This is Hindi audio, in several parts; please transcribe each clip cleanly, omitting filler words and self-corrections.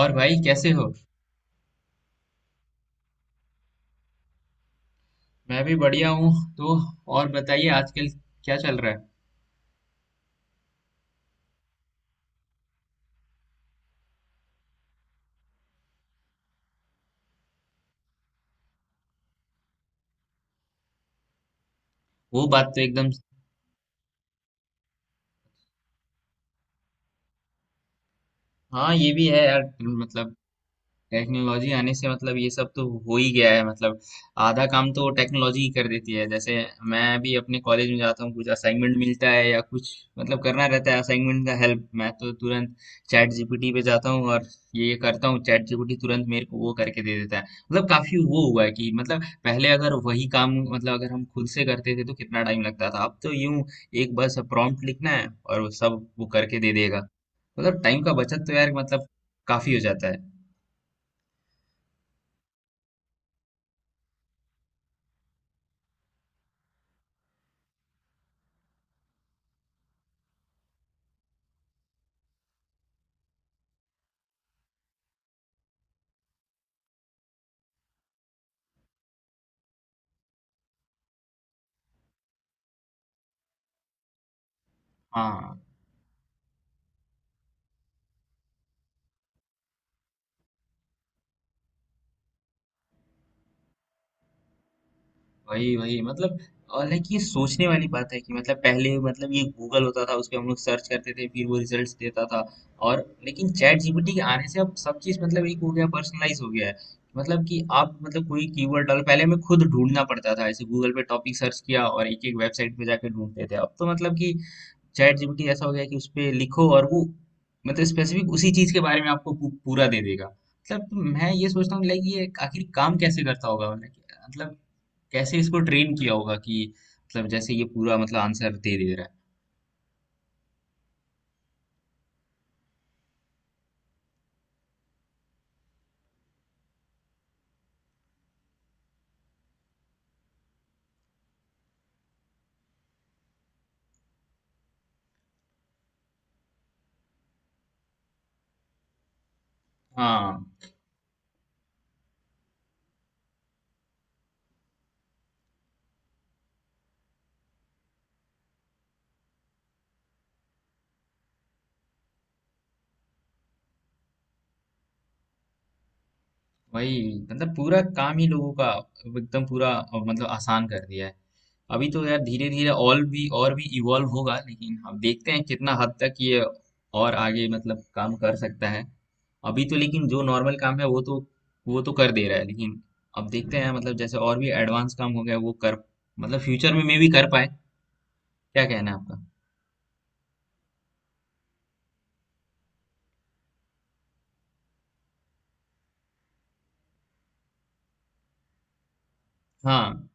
और भाई कैसे हो? मैं भी बढ़िया हूँ। तो और बताइए, आजकल क्या चल रहा है? वो बात तो एकदम। हाँ, ये भी है यार, मतलब टेक्नोलॉजी आने से मतलब ये सब तो हो ही गया है मतलब। आधा काम तो टेक्नोलॉजी ही कर देती है, जैसे मैं भी अपने कॉलेज में जाता हूँ, कुछ असाइनमेंट मिलता है या कुछ मतलब करना रहता है, असाइनमेंट का हेल्प मैं तो तुरंत चैट जीपीटी पे जाता हूँ और ये करता हूँ। चैट जीपीटी तुरंत मेरे को वो करके दे देता है। मतलब काफी वो हुआ है कि मतलब पहले अगर वही काम, मतलब अगर हम खुद से करते थे तो कितना टाइम लगता था, अब तो यूं एक बस प्रॉम्प्ट लिखना है और वो सब वो करके दे देगा। मतलब टाइम का बचत तो यार, मतलब काफी हो जाता है। हाँ, वही वही मतलब। और लाइक ये सोचने वाली बात है कि मतलब पहले, मतलब ये गूगल होता था, उस पे हम लोग सर्च करते थे, फिर वो रिजल्ट्स देता था। और लेकिन चैट जीपीटी के आने से अब सब चीज मतलब एक हो गया, पर्सनलाइज हो गया है। मतलब कि आप मतलब कोई कीवर्ड डाल, पहले हमें खुद ढूंढना पड़ता था, ऐसे गूगल पे टॉपिक सर्च किया और एक एक वेबसाइट पे जाके ढूंढते थे। अब तो मतलब कि चैट जीपीटी ऐसा हो गया कि उस पे लिखो, और वो मतलब स्पेसिफिक उसी चीज के बारे में आपको पूरा दे देगा। मतलब मैं ये सोचता हूँ लाइक ये आखिर काम कैसे करता होगा? मतलब कैसे इसको ट्रेन किया होगा कि मतलब जैसे ये पूरा मतलब आंसर दे दे रहा है। हाँ, वही। मतलब पूरा काम ही लोगों का, एकदम पूरा मतलब आसान कर दिया है। अभी तो यार धीरे धीरे और भी इवॉल्व होगा, लेकिन अब देखते हैं कितना हद तक ये और आगे मतलब काम कर सकता है। अभी तो लेकिन जो नॉर्मल काम है वो तो कर दे रहा है, लेकिन अब देखते हैं मतलब जैसे और भी एडवांस काम हो गया वो कर, मतलब फ्यूचर में मे भी कर पाए। क्या कहना है आपका? हाँ,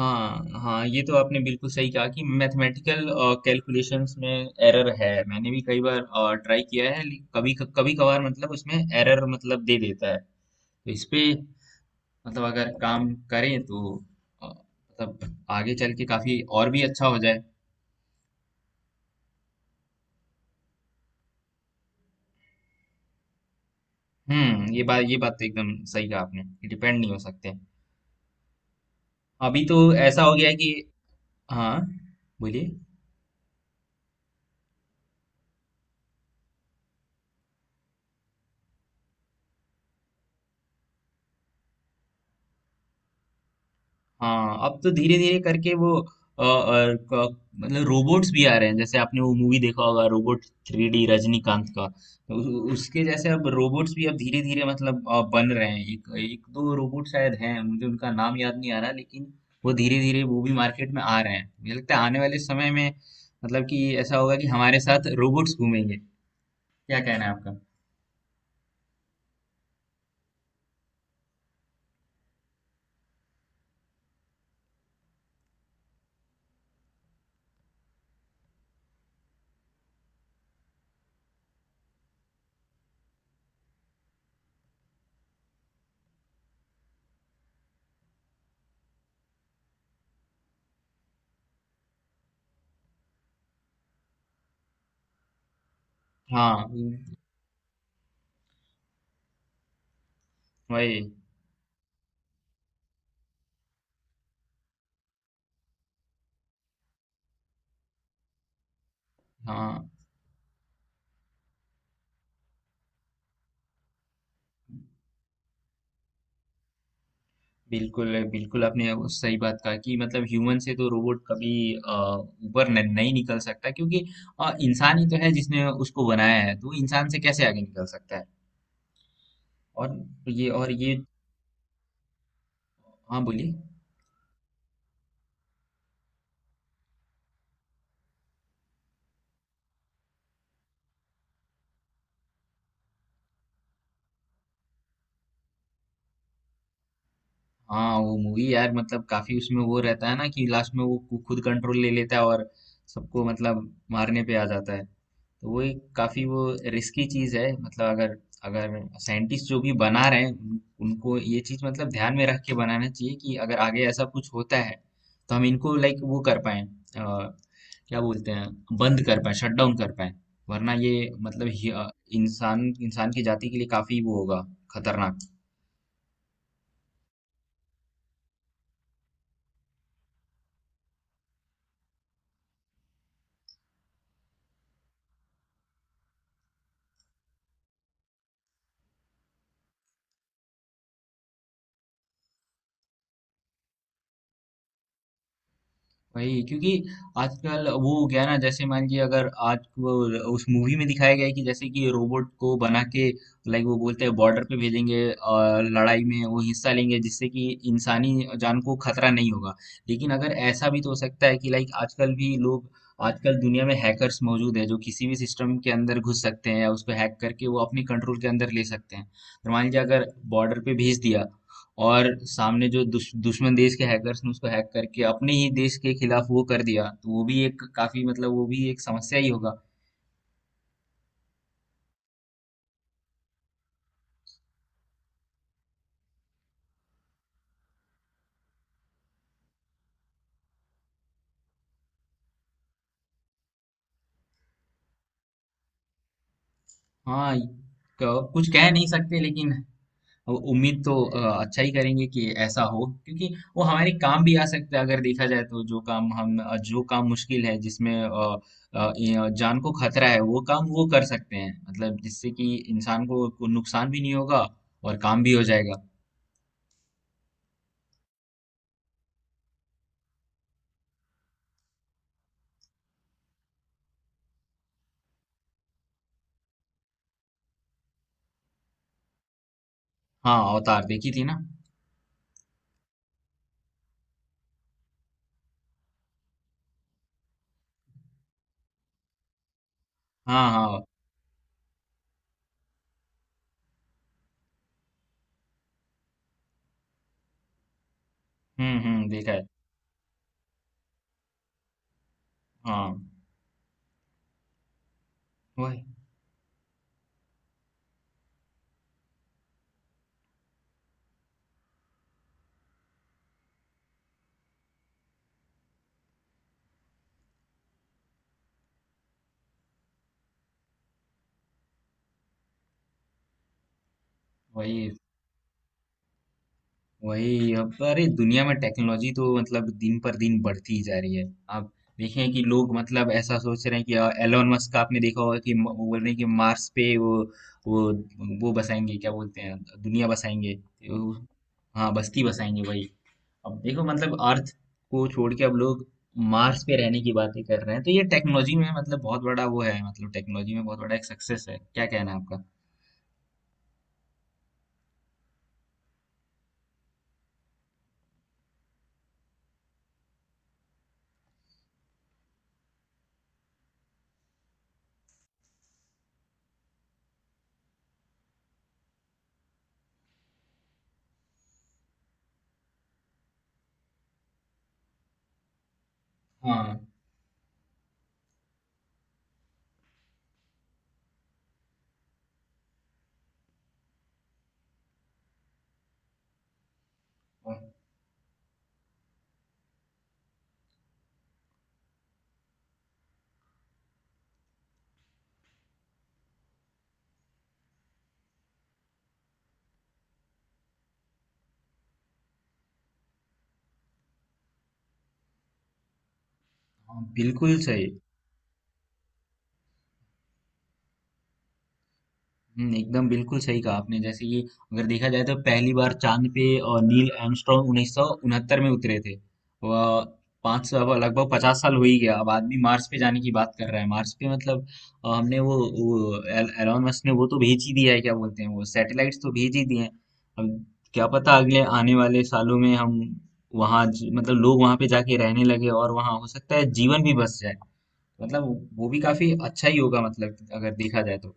हाँ, हाँ, ये तो आपने बिल्कुल सही कहा कि मैथमेटिकल कैलकुलेशंस में एरर है। मैंने भी कई बार ट्राई किया है, लेकिन कभी कभी कभार मतलब उसमें एरर मतलब दे देता है। तो इस पे मतलब अगर काम करें तो मतलब आगे चल के काफी और भी अच्छा हो जाए। हम्म, ये बात तो एकदम सही कहा आपने। डिपेंड नहीं हो सकते। अभी तो ऐसा हो गया है कि हाँ, बोलिए। हाँ, अब तो धीरे धीरे करके वो मतलब रोबोट्स भी आ रहे हैं, जैसे आपने वो मूवी देखा होगा रोबोट 3D रजनीकांत का। तो उ, उ- उसके जैसे अब रोबोट्स भी अब धीरे धीरे मतलब बन रहे हैं। एक एक दो रोबोट शायद हैं, मुझे उनका नाम याद नहीं आ रहा, लेकिन वो धीरे धीरे वो भी मार्केट में आ रहे हैं। मुझे लगता है आने वाले समय में मतलब कि ऐसा होगा कि हमारे साथ रोबोट्स घूमेंगे। क्या कहना है आपका? हाँ, वही। हाँ, बिल्कुल, बिल्कुल आपने वो सही बात कहा कि मतलब ह्यूमन से तो रोबोट कभी ऊपर न, नहीं निकल सकता, क्योंकि इंसान ही तो है जिसने उसको बनाया है, तो वो इंसान से कैसे आगे निकल सकता है? और और ये। हाँ, बोलिए। हाँ, वो मूवी यार मतलब काफी उसमें वो रहता है ना कि लास्ट में वो खुद कंट्रोल ले लेता है और सबको मतलब मारने पे आ जाता है। तो वो एक काफी वो रिस्की चीज है, मतलब अगर अगर साइंटिस्ट जो भी बना रहे हैं उनको ये चीज मतलब ध्यान में रख के बनाना चाहिए कि अगर आगे ऐसा कुछ होता है तो हम इनको लाइक वो कर पाए, क्या बोलते हैं, बंद कर पाए, शट डाउन कर पाए। वरना ये मतलब इंसान इंसान की जाति के लिए काफी वो होगा, खतरनाक। वही, क्योंकि आजकल वो हो गया ना, जैसे मान लीजिए अगर आज वो उस मूवी में दिखाया गया है कि जैसे कि रोबोट को बना के लाइक वो बोलते हैं बॉर्डर पे भेजेंगे और लड़ाई में वो हिस्सा लेंगे, जिससे कि इंसानी जान को खतरा नहीं होगा। लेकिन अगर ऐसा भी तो हो सकता है कि लाइक आजकल भी लोग, आजकल दुनिया में हैकर्स मौजूद है जो किसी भी सिस्टम के अंदर घुस सकते हैं या उसको हैक करके वो अपने कंट्रोल के अंदर ले सकते हैं। तो मान लीजिए अगर बॉर्डर पे भेज दिया और सामने जो दुश्मन देश के हैकर्स ने उसको हैक करके अपने ही देश के खिलाफ वो कर दिया, तो वो भी एक काफी, मतलब वो भी एक समस्या ही होगा। हाँ, कुछ कह नहीं सकते, लेकिन उम्मीद तो अच्छा ही करेंगे कि ऐसा हो, क्योंकि वो हमारे काम भी आ सकता है। अगर देखा जाए तो जो काम हम जो काम मुश्किल है, जिसमें ये जान को खतरा है, वो काम वो कर सकते हैं, मतलब जिससे कि इंसान को नुकसान भी नहीं होगा और काम भी हो जाएगा। हाँ, अवतार देखी थी ना। हाँ, हाँ। हुँ, हुँ, देखा है। हाँ, वही, वही, वही। अब तो, अरे दुनिया में टेक्नोलॉजी तो मतलब दिन पर दिन बढ़ती ही जा रही है। आप देखें कि लोग मतलब ऐसा सोच रहे हैं कि एलोन मस्क का आपने देखा होगा कि म वो बोल रहे हैं कि मार्स पे वो वो वो बसाएँगे, क्या बोलते हैं, दुनिया बसाएँगे। उ हाँ, बस्ती बसाएँगे वही। अब देखो मतलब अर्थ को छोड़ के अब लोग मार्स पे रहने की बातें कर रहे हैं। तो ये टेक्नोलॉजी में मतलब बहुत बड़ा वो है, मतलब टेक्नोलॉजी में बहुत बड़ा एक सक्सेस है। क्या कहना है आपका? हाँ, हाँ। हाँ, बिल्कुल सही। एकदम बिल्कुल सही कहा आपने। जैसे कि अगर देखा जाए तो पहली बार चांद पे नील आर्मस्ट्रांग 1969 में उतरे थे। वह पाँच सौ लगभग 50 साल हो ही गया। अब आदमी मार्स पे जाने की बात कर रहा है। मार्स पे मतलब हमने वो एल- एलॉन मस्क ने वो तो भेज ही दिया है, क्या बोलते हैं, वो सैटेलाइट्स तो भेज ही दिए हैं। अब क्या पता अगले आने वाले सालों में हम वहाँ मतलब लोग वहाँ पे जाके रहने लगे और वहाँ हो सकता है जीवन भी बस जाए। मतलब वो भी काफी अच्छा ही होगा, मतलब अगर देखा जाए तो।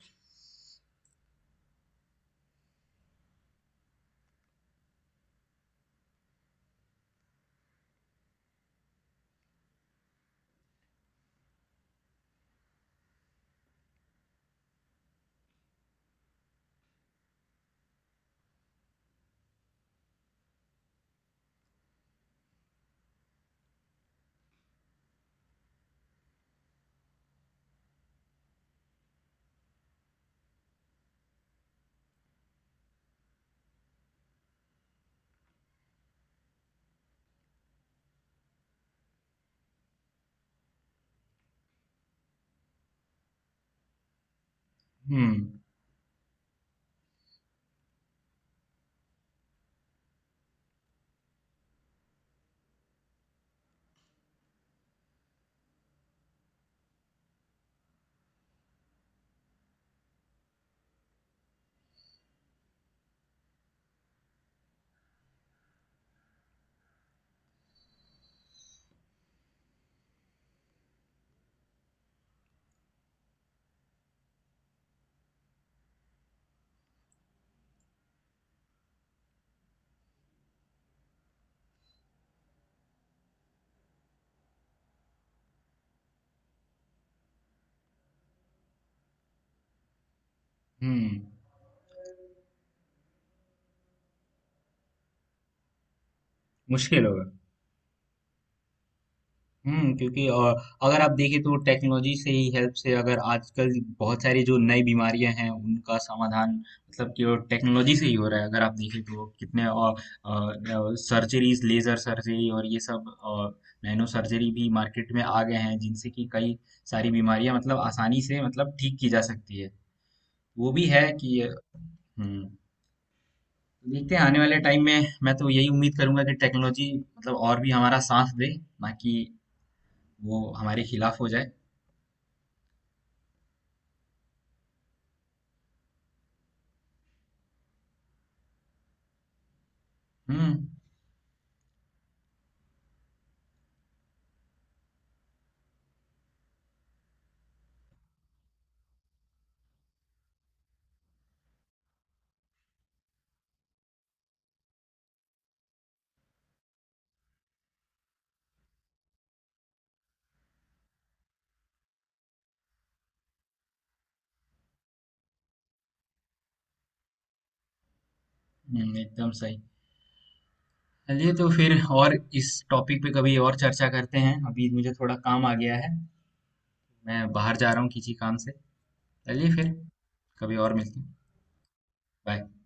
हुँ, हुँ। मुश्किल होगा। हुँ, क्योंकि अगर आप देखें तो टेक्नोलॉजी से ही हेल्प से अगर आजकल बहुत सारी जो नई बीमारियाँ हैं, उनका समाधान मतलब केवल टेक्नोलॉजी से ही हो रहा है। अगर आप देखें तो कितने सर्जरीज़, लेज़र सर्जरी और ये सब नैनो सर्जरी भी मार्केट में आ गए हैं, जिनसे कि कई सारी बीमारियाँ मतलब आसानी से मतलब ठीक की जा सकती है। वो भी है कि हुँ। देखते हैं आने वाले टाइम में, मैं तो यही उम्मीद करूंगा कि टेक्नोलॉजी मतलब और भी हमारा साथ दे, ना कि वो हमारे खिलाफ हो जाए। हम्म। एकदम सही। चलिए तो फिर और इस टॉपिक पे कभी और चर्चा करते हैं। अभी मुझे थोड़ा काम आ गया है, मैं बाहर जा रहा हूँ किसी काम से। चलिए फिर, कभी और मिलते हैं। बाय।